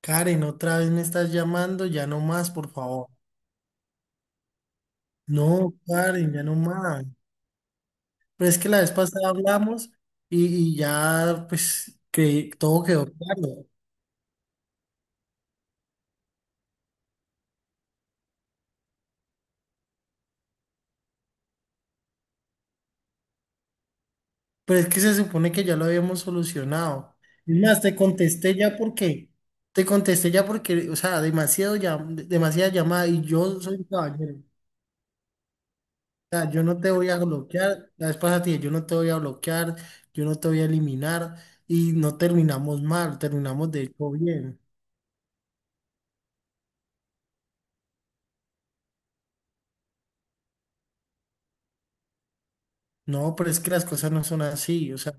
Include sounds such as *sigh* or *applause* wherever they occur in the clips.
Karen, otra vez me estás llamando, ya no más, por favor. No, Karen, ya no más. Pero es que la vez pasada hablamos y, y ya, pues, que todo quedó claro. Pero es que se supone que ya lo habíamos solucionado. Es más, te contesté ya porque, o sea, demasiado ya, demasiada llamada y yo soy un caballero. O sea, yo no te voy a bloquear. La vez pasada te dije, yo no te voy a bloquear, yo no te voy a eliminar y no terminamos mal, terminamos de hecho bien. No, pero es que las cosas no son así, o sea,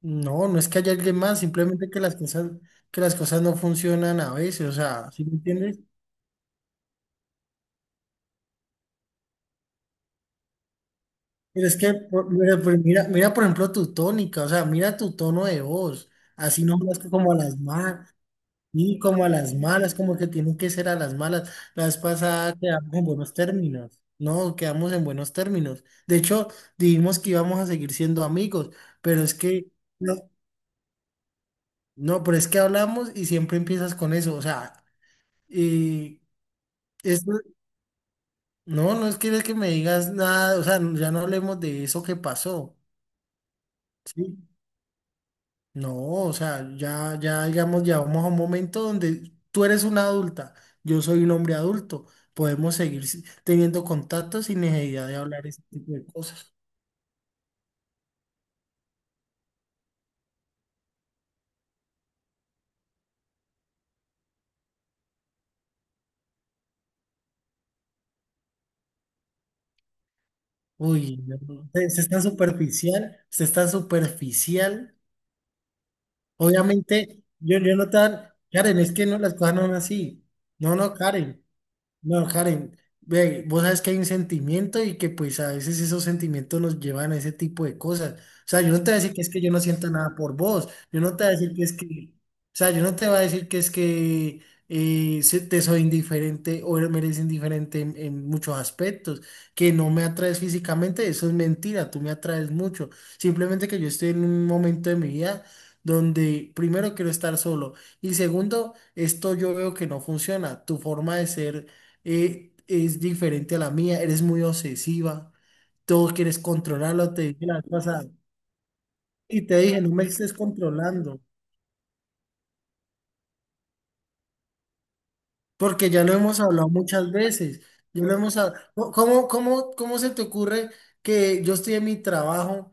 no, no es que haya alguien más, simplemente que las cosas no funcionan a veces, o sea, ¿sí me entiendes? Pero es que, mira, mira, mira, por ejemplo, tu tónica, o sea, mira tu tono de voz, así no hablas como a las malas, ni como a las malas, como que tienen que ser a las malas. La vez pasada quedamos en buenos términos, no, quedamos en buenos términos. De hecho, dijimos que íbamos a seguir siendo amigos, pero es que... no, no, pero es que hablamos y siempre empiezas con eso. O sea, y es, no, no es que me digas nada, o sea, ya no hablemos de eso que pasó, ¿sí? No, o sea, ya digamos, ya vamos a un momento donde tú eres una adulta, yo soy un hombre adulto, podemos seguir teniendo contacto sin necesidad de hablar este tipo de cosas. Uy, no, no, usted es tan superficial, usted es tan superficial. Obviamente, yo no tan, Karen, es que no, las cosas no son así. No, no, Karen. No, Karen, ve, vos sabes que hay un sentimiento y que pues a veces esos sentimientos nos llevan a ese tipo de cosas. O sea, yo no te voy a decir que es que yo no siento nada por vos, yo no te voy a decir que es que, o sea, yo no te voy a decir que es que te soy indiferente o me eres indiferente en muchos aspectos, que no me atraes físicamente, eso es mentira, tú me atraes mucho. Simplemente que yo estoy en un momento de mi vida donde primero quiero estar solo y segundo, esto yo veo que no funciona, tu forma de ser es diferente a la mía, eres muy obsesiva, todo quieres controlarlo, te dije la vez pasada, y te dije, no me estés controlando, porque ya lo hemos hablado muchas veces, ya lo hemos hablado, cómo se te ocurre que yo estoy en mi trabajo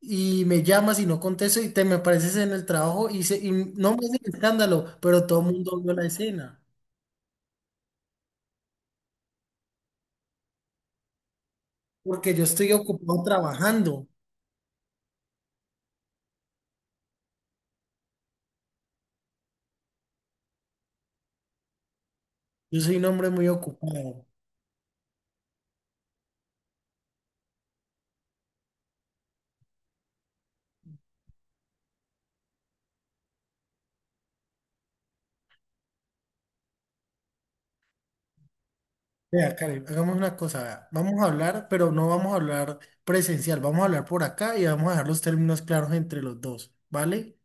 y me llamas y no contesto y te me apareces en el trabajo y no me hacen escándalo, pero todo el mundo vio la escena, porque yo estoy ocupado trabajando, yo soy un hombre muy ocupado. Vea, Karen, hagamos una cosa, vea. Vamos a hablar, pero no vamos a hablar presencial, vamos a hablar por acá y vamos a dejar los términos claros entre los dos, ¿vale?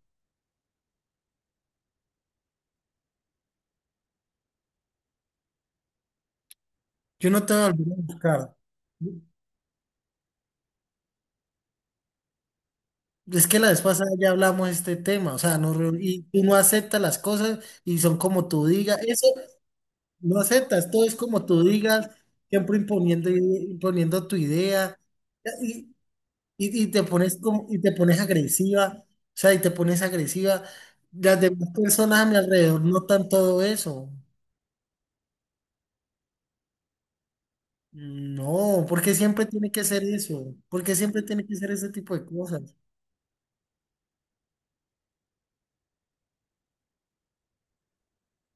Yo no te voy a volver a buscar. Es que la vez pasada ya hablamos de este tema, o sea, no, y tú no aceptas las cosas y son como tú digas, eso no aceptas, todo es como tú digas, siempre imponiendo, imponiendo tu idea. Y te pones como, y te pones agresiva, o sea, y te pones agresiva. Las demás personas a mi alrededor notan todo eso. No, porque siempre tiene que ser eso? Porque siempre tiene que ser ese tipo de cosas?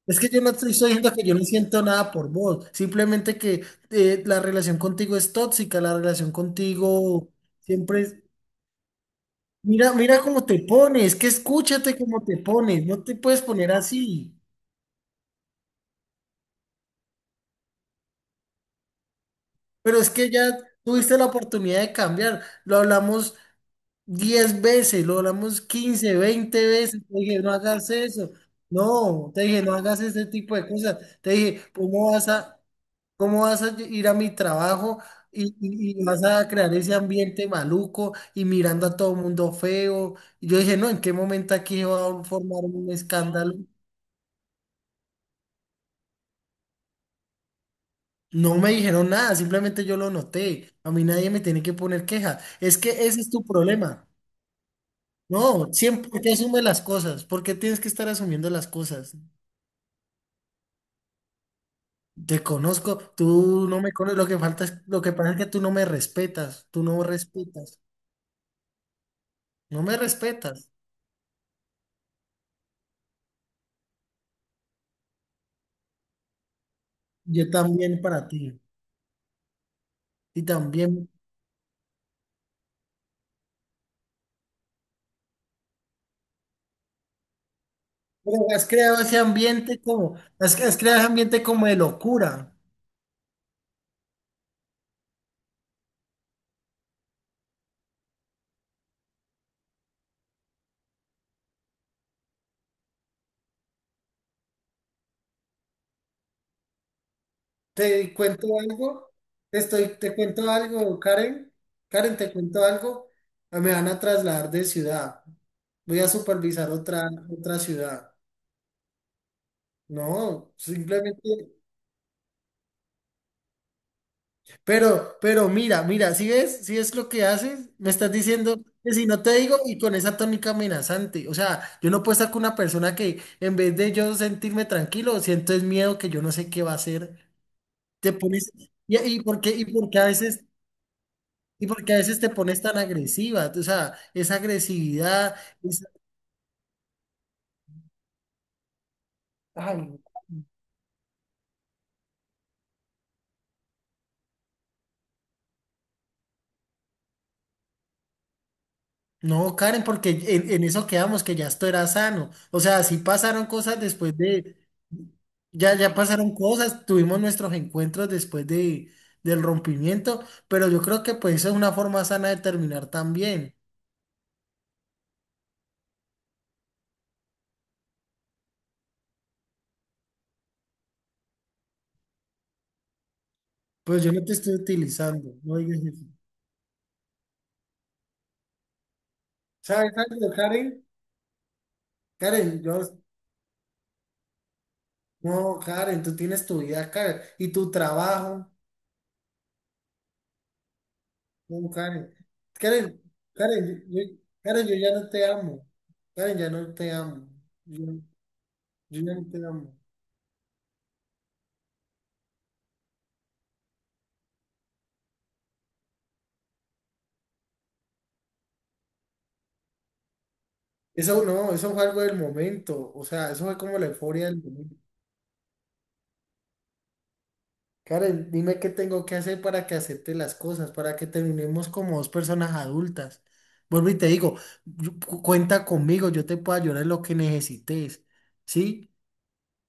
Es que yo no te estoy diciendo que yo no siento nada por vos, simplemente que la relación contigo es tóxica, la relación contigo siempre es... Mira, mira cómo te pones, que escúchate cómo te pones, no te puedes poner así, pero es que ya tuviste la oportunidad de cambiar, lo hablamos. 10 veces, lo hablamos 15 20 veces, te dije, no hagas eso, no, te dije, no hagas ese tipo de cosas, te dije, cómo vas a ir a mi trabajo y vas a crear ese ambiente maluco y mirando a todo el mundo feo? Y yo dije, no, ¿en qué momento aquí se va a formar un escándalo? No me dijeron nada, simplemente yo lo noté, a mí nadie me tiene que poner queja, es que ese es tu problema. No, siempre te asume las cosas. ¿Por qué tienes que estar asumiendo las cosas? Te conozco, tú no me conoces, lo que falta es, lo que pasa es que tú no me respetas, tú no respetas, no me respetas, yo también para ti, y también, pero has creado ese ambiente como, has creado ese ambiente como de locura. ¿Te cuento algo? Te cuento algo, Karen, Karen, te cuento algo, ah, me van a trasladar de ciudad, voy a supervisar otra ciudad, no, simplemente pero mira, mira, si ves, si ves lo que haces, me estás diciendo que si no te digo y con esa tónica amenazante, o sea, yo no puedo estar con una persona que en vez de yo sentirme tranquilo, siento es miedo que yo no sé qué va a hacer, te pones, y por qué, y por qué a veces te pones tan agresiva, o sea, esa agresividad, esa- ay, no, Karen, porque en eso quedamos, que ya esto era sano, o sea, sí pasaron cosas después de. Ya pasaron cosas, tuvimos nuestros encuentros después de, del rompimiento, pero yo creo que pues esa es una forma sana de terminar también. Pues yo no te estoy utilizando, no digas eso. ¿Sabes algo, Karen? Karen, yo, no, Karen, tú tienes tu vida, Karen, y tu trabajo, no, Karen. Karen, Karen, Karen, yo ya no te amo. Karen, ya no te amo. Yo, yo ya no te amo. Eso no, eso fue algo del momento, o sea, eso fue como la euforia del momento. Karen, dime qué tengo que hacer para que acepte las cosas, para que terminemos como dos personas adultas. Vuelvo y te digo, cuenta conmigo, yo te puedo ayudar en lo que necesites, ¿sí?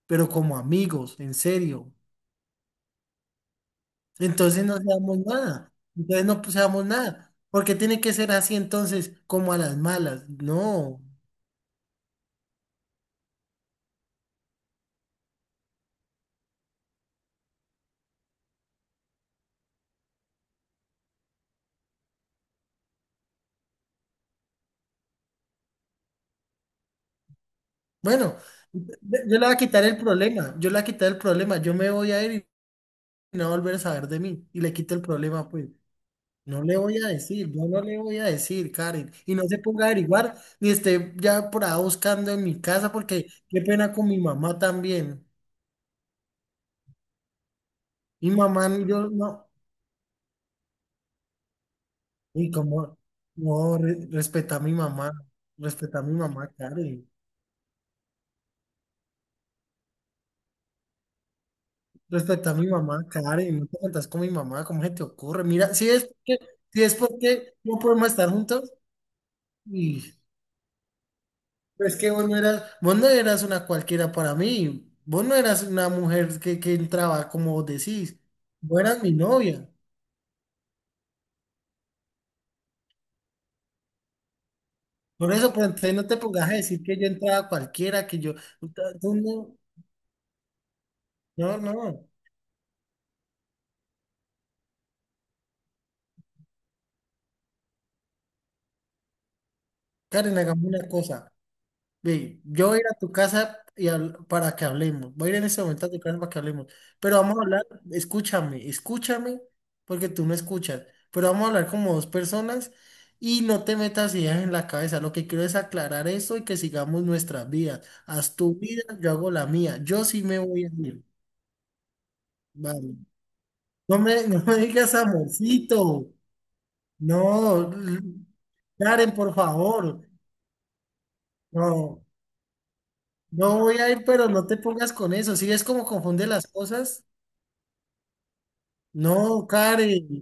Pero como amigos, en serio. Entonces no seamos nada, entonces no pues, seamos nada. ¿Porque tiene que ser así entonces, como a las malas? No. Bueno, yo yo le voy a quitar el problema, yo me voy a ir y no va a volver a saber de mí y le quito el problema, pues. No le voy a decir, yo no le voy a decir, Karen. Y no se ponga a averiguar ni esté ya por ahí buscando en mi casa porque qué pena con mi mamá también. Mi mamá, ni yo no. Y como, no, respeta a mi mamá, respeta a mi mamá, Karen. Respeta a mi mamá, Karen. No te metas con mi mamá, ¿cómo se te ocurre? Mira, si es porque, si es porque no podemos estar juntos. Pero es que vos no eras una cualquiera para mí. Vos no eras una mujer que entraba, como vos decís. Vos eras mi novia. Por eso, pues entonces no te pongas a decir que yo entraba cualquiera, que yo. Tú no, no, no. Karen, hagamos una cosa. Ve, yo voy a ir a tu casa y para que hablemos. Voy a ir en este momento a tu casa para que hablemos. Pero vamos a hablar, escúchame, porque tú no escuchas. Pero vamos a hablar como dos personas y no te metas ideas en la cabeza. Lo que quiero es aclarar eso y que sigamos nuestras vidas. Haz tu vida, yo hago la mía. Yo sí me voy a ir. Vale. *laughs* No me digas amorcito. No, Karen, por favor. No. No voy a ir, pero no te pongas con eso. Si es como confunde las cosas. No, Karen.